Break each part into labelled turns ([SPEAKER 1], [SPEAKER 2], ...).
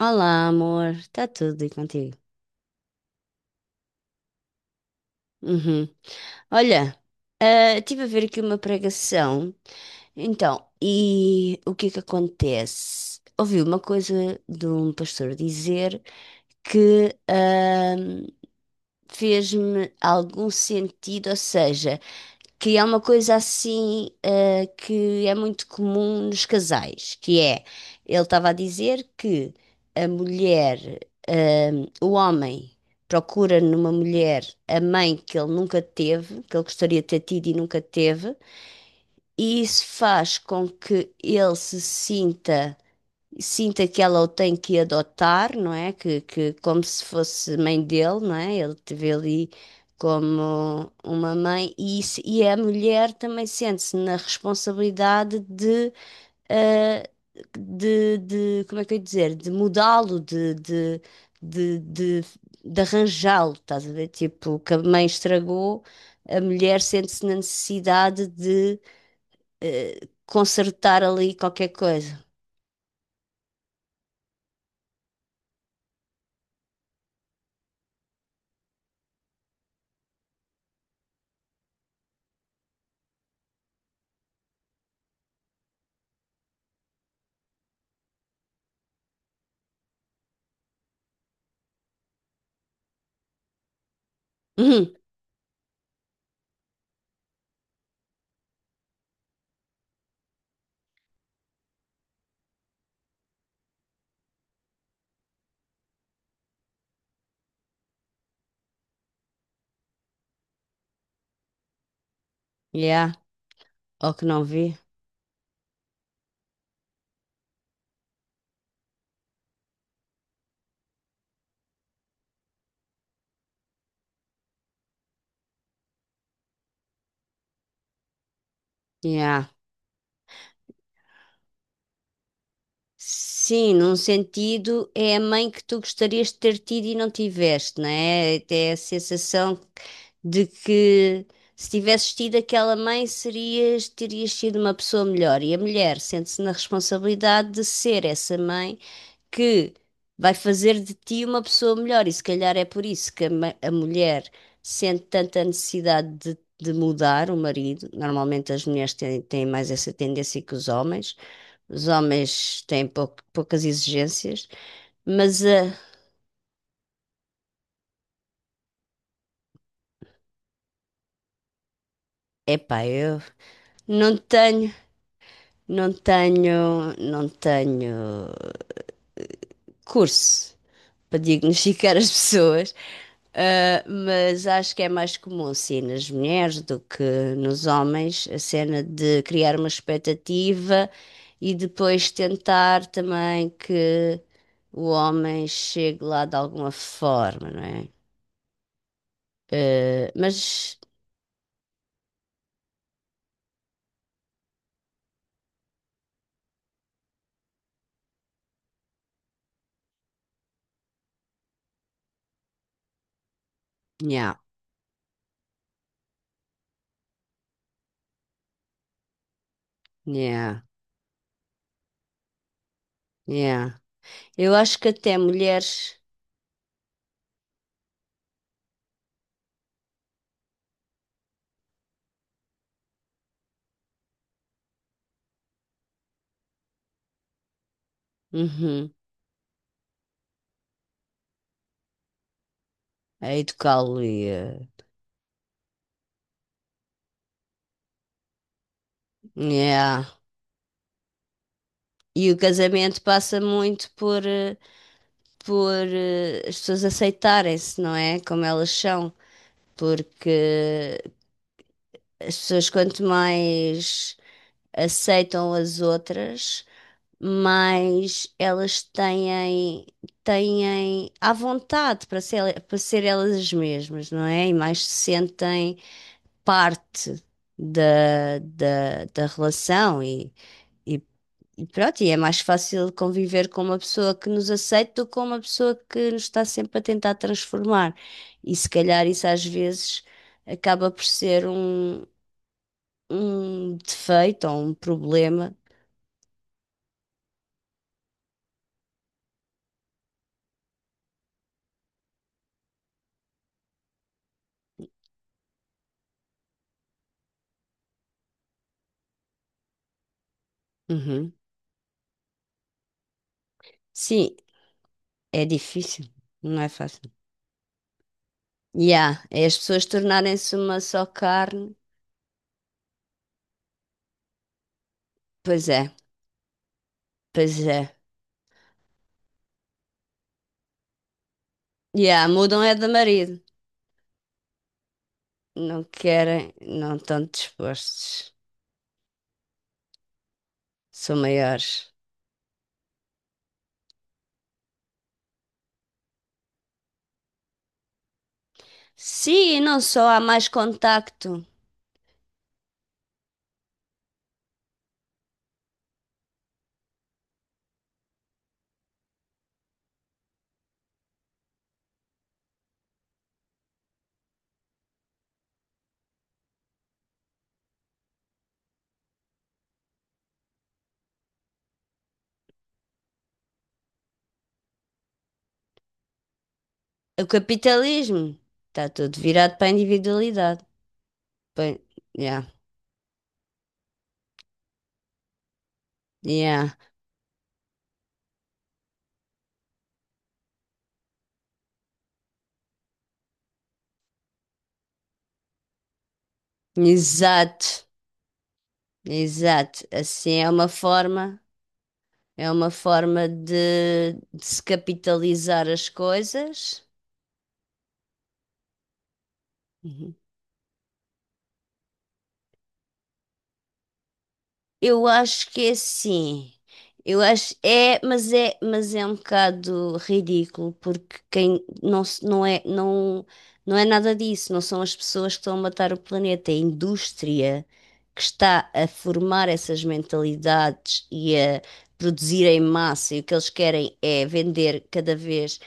[SPEAKER 1] Olá, amor. Está tudo e contigo? Uhum. Olha, estive a ver aqui uma pregação. Então, e o que é que acontece? Ouvi uma coisa de um pastor dizer que fez-me algum sentido, ou seja, que é uma coisa assim, que é muito comum nos casais, que é, ele estava a dizer que a mulher, eh, o homem procura numa mulher a mãe que ele nunca teve, que ele gostaria de ter tido e nunca teve, e isso faz com que ele se sinta que ela o tem que adotar, não é? Que como se fosse mãe dele, não é? Ele teve ali como uma mãe e, e a mulher também sente-se na responsabilidade eh, como é que eu ia dizer? De mudá-lo, de, de, de arranjá-lo, estás a ver? Tipo, o que a mãe estragou, a mulher sente-se na necessidade eh, consertar ali qualquer coisa. Uhum, yeah. Ou que não vê? Yeah. Sim, num sentido, é a mãe que tu gostarias de ter tido e não tiveste, não é? Até a sensação de que se tivesses tido aquela mãe, terias sido uma pessoa melhor. E a mulher sente-se na responsabilidade de ser essa mãe que vai fazer de ti uma pessoa melhor. E se calhar é por isso que a mulher sente tanta necessidade de mudar o marido. Normalmente as mulheres têm mais essa tendência que os homens. Os homens têm poucas exigências, mas é epá, eu não tenho, não tenho curso para diagnosticar as pessoas. Ah, mas acho que é mais comum, sim, nas mulheres do que nos homens, a cena de criar uma expectativa e depois tentar também que o homem chegue lá de alguma forma, não é? Ah, mas, yeah, yeah, yeah. Eu acho que até mulheres, uhum, a educá-lo e, ah, yeah. E o casamento passa muito por. Ah, por as pessoas aceitarem-se, não é? Como elas são. Porque as pessoas, quanto mais aceitam as outras, mais elas têm à vontade para para ser elas mesmas, não é? E mais se sentem parte da relação e E pronto, e é mais fácil conviver com uma pessoa que nos aceita do que com uma pessoa que nos está sempre a tentar transformar. E se calhar isso às vezes acaba por ser um defeito ou um problema. Uhum. Sim, é difícil, não é fácil. Yeah, é as pessoas tornarem-se uma só carne. Pois é, pois é. Yeah, mudam é de marido. Não querem, não estão dispostos. São maiores. Sim, e não só há mais contacto. O capitalismo está tudo virado para a individualidade. Bem, yeah, yeah. Exato, exato. Assim é uma forma de se capitalizar as coisas. Uhum. Eu acho que é assim. Eu acho é, mas é, mas é um bocado ridículo porque quem não é não é nada disso, não são as pessoas que estão a matar o planeta, é a indústria que está a formar essas mentalidades e a produzir em massa e o que eles querem é vender cada vez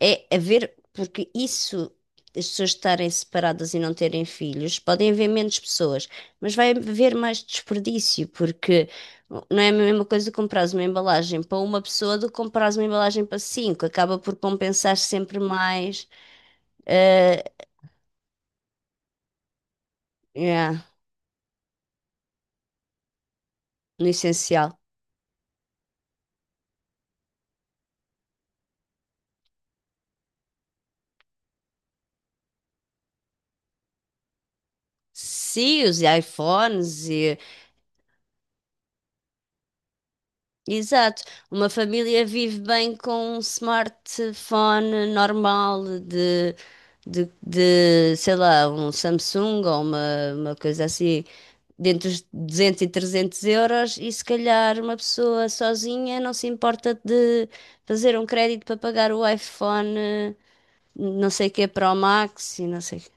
[SPEAKER 1] é haver, porque isso, as pessoas estarem separadas e não terem filhos, podem haver menos pessoas, mas vai haver mais desperdício, porque não é a mesma coisa comprares uma embalagem para uma pessoa do que comprares uma embalagem para cinco. Acaba por compensar sempre mais, eh, yeah, no essencial. Sim, os iPhones e. Exato. Uma família vive bem com um smartphone normal sei lá, um Samsung ou uma coisa assim, dentro dos 200 e 300 euros, e se calhar uma pessoa sozinha não se importa de fazer um crédito para pagar o iPhone, não sei o que, Pro Max e não sei o quê.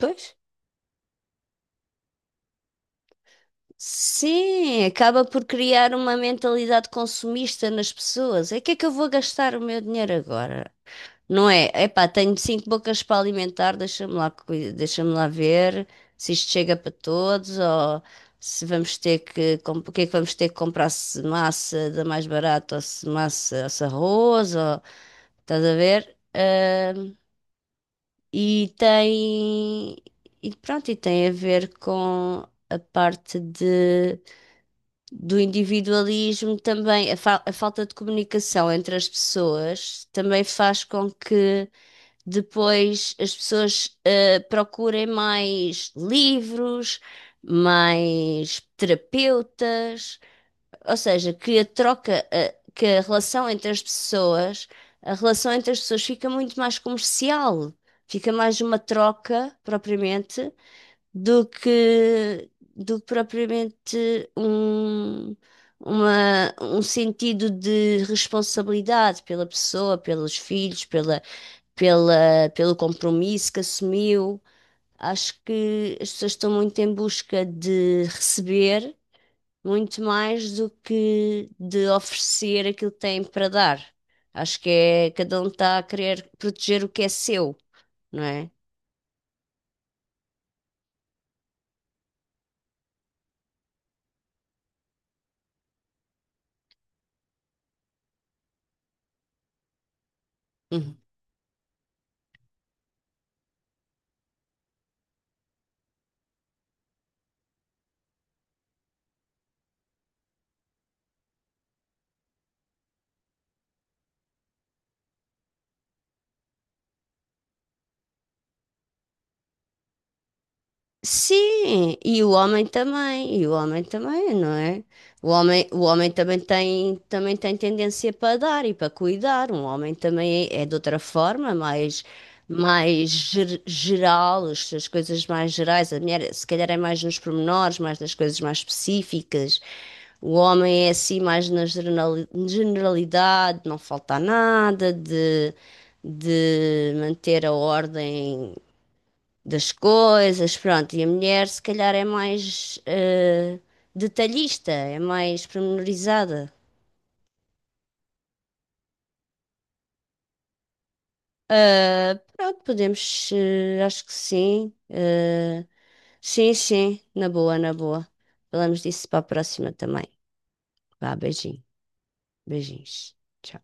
[SPEAKER 1] Pois. Sim, acaba por criar uma mentalidade consumista nas pessoas. É que eu vou gastar o meu dinheiro agora? Não é? Epá, tenho cinco bocas para alimentar, deixa-me lá, deixa-me lá ver se isto chega para todos ou se vamos ter que, o que é que vamos ter que comprar, se massa da mais barata ou se massa, ou se arroz, ou, estás a ver? E tem, e pronto, e tem a ver com a parte de, do individualismo também, a falta de comunicação entre as pessoas também faz com que depois as pessoas procurem mais livros, mais terapeutas, ou seja, que a troca, que a relação entre as pessoas, a relação entre as pessoas fica muito mais comercial, fica mais uma troca propriamente do que do que propriamente um sentido de responsabilidade pela pessoa, pelos filhos, pela, pelo compromisso que assumiu. Acho que as pessoas estão muito em busca de receber muito mais do que de oferecer aquilo que têm para dar. Acho que é, cada um está a querer proteger o que é seu, não é? Sim, e o homem também, e o homem também, não é? O homem também tem tendência para dar e para cuidar. Um homem também é, é de outra forma, mais, mais geral, as suas coisas mais gerais. A mulher, se calhar, é mais nos pormenores, mais nas coisas mais específicas. O homem é assim mais na generalidade, não falta nada de, de manter a ordem das coisas, pronto. E a mulher, se calhar, é mais detalhista, é mais pormenorizada. Ah, pronto, podemos, acho que sim. Sim, sim, na boa, na boa. Falamos disso para a próxima também. Vá, beijinho, beijinhos. Tchau.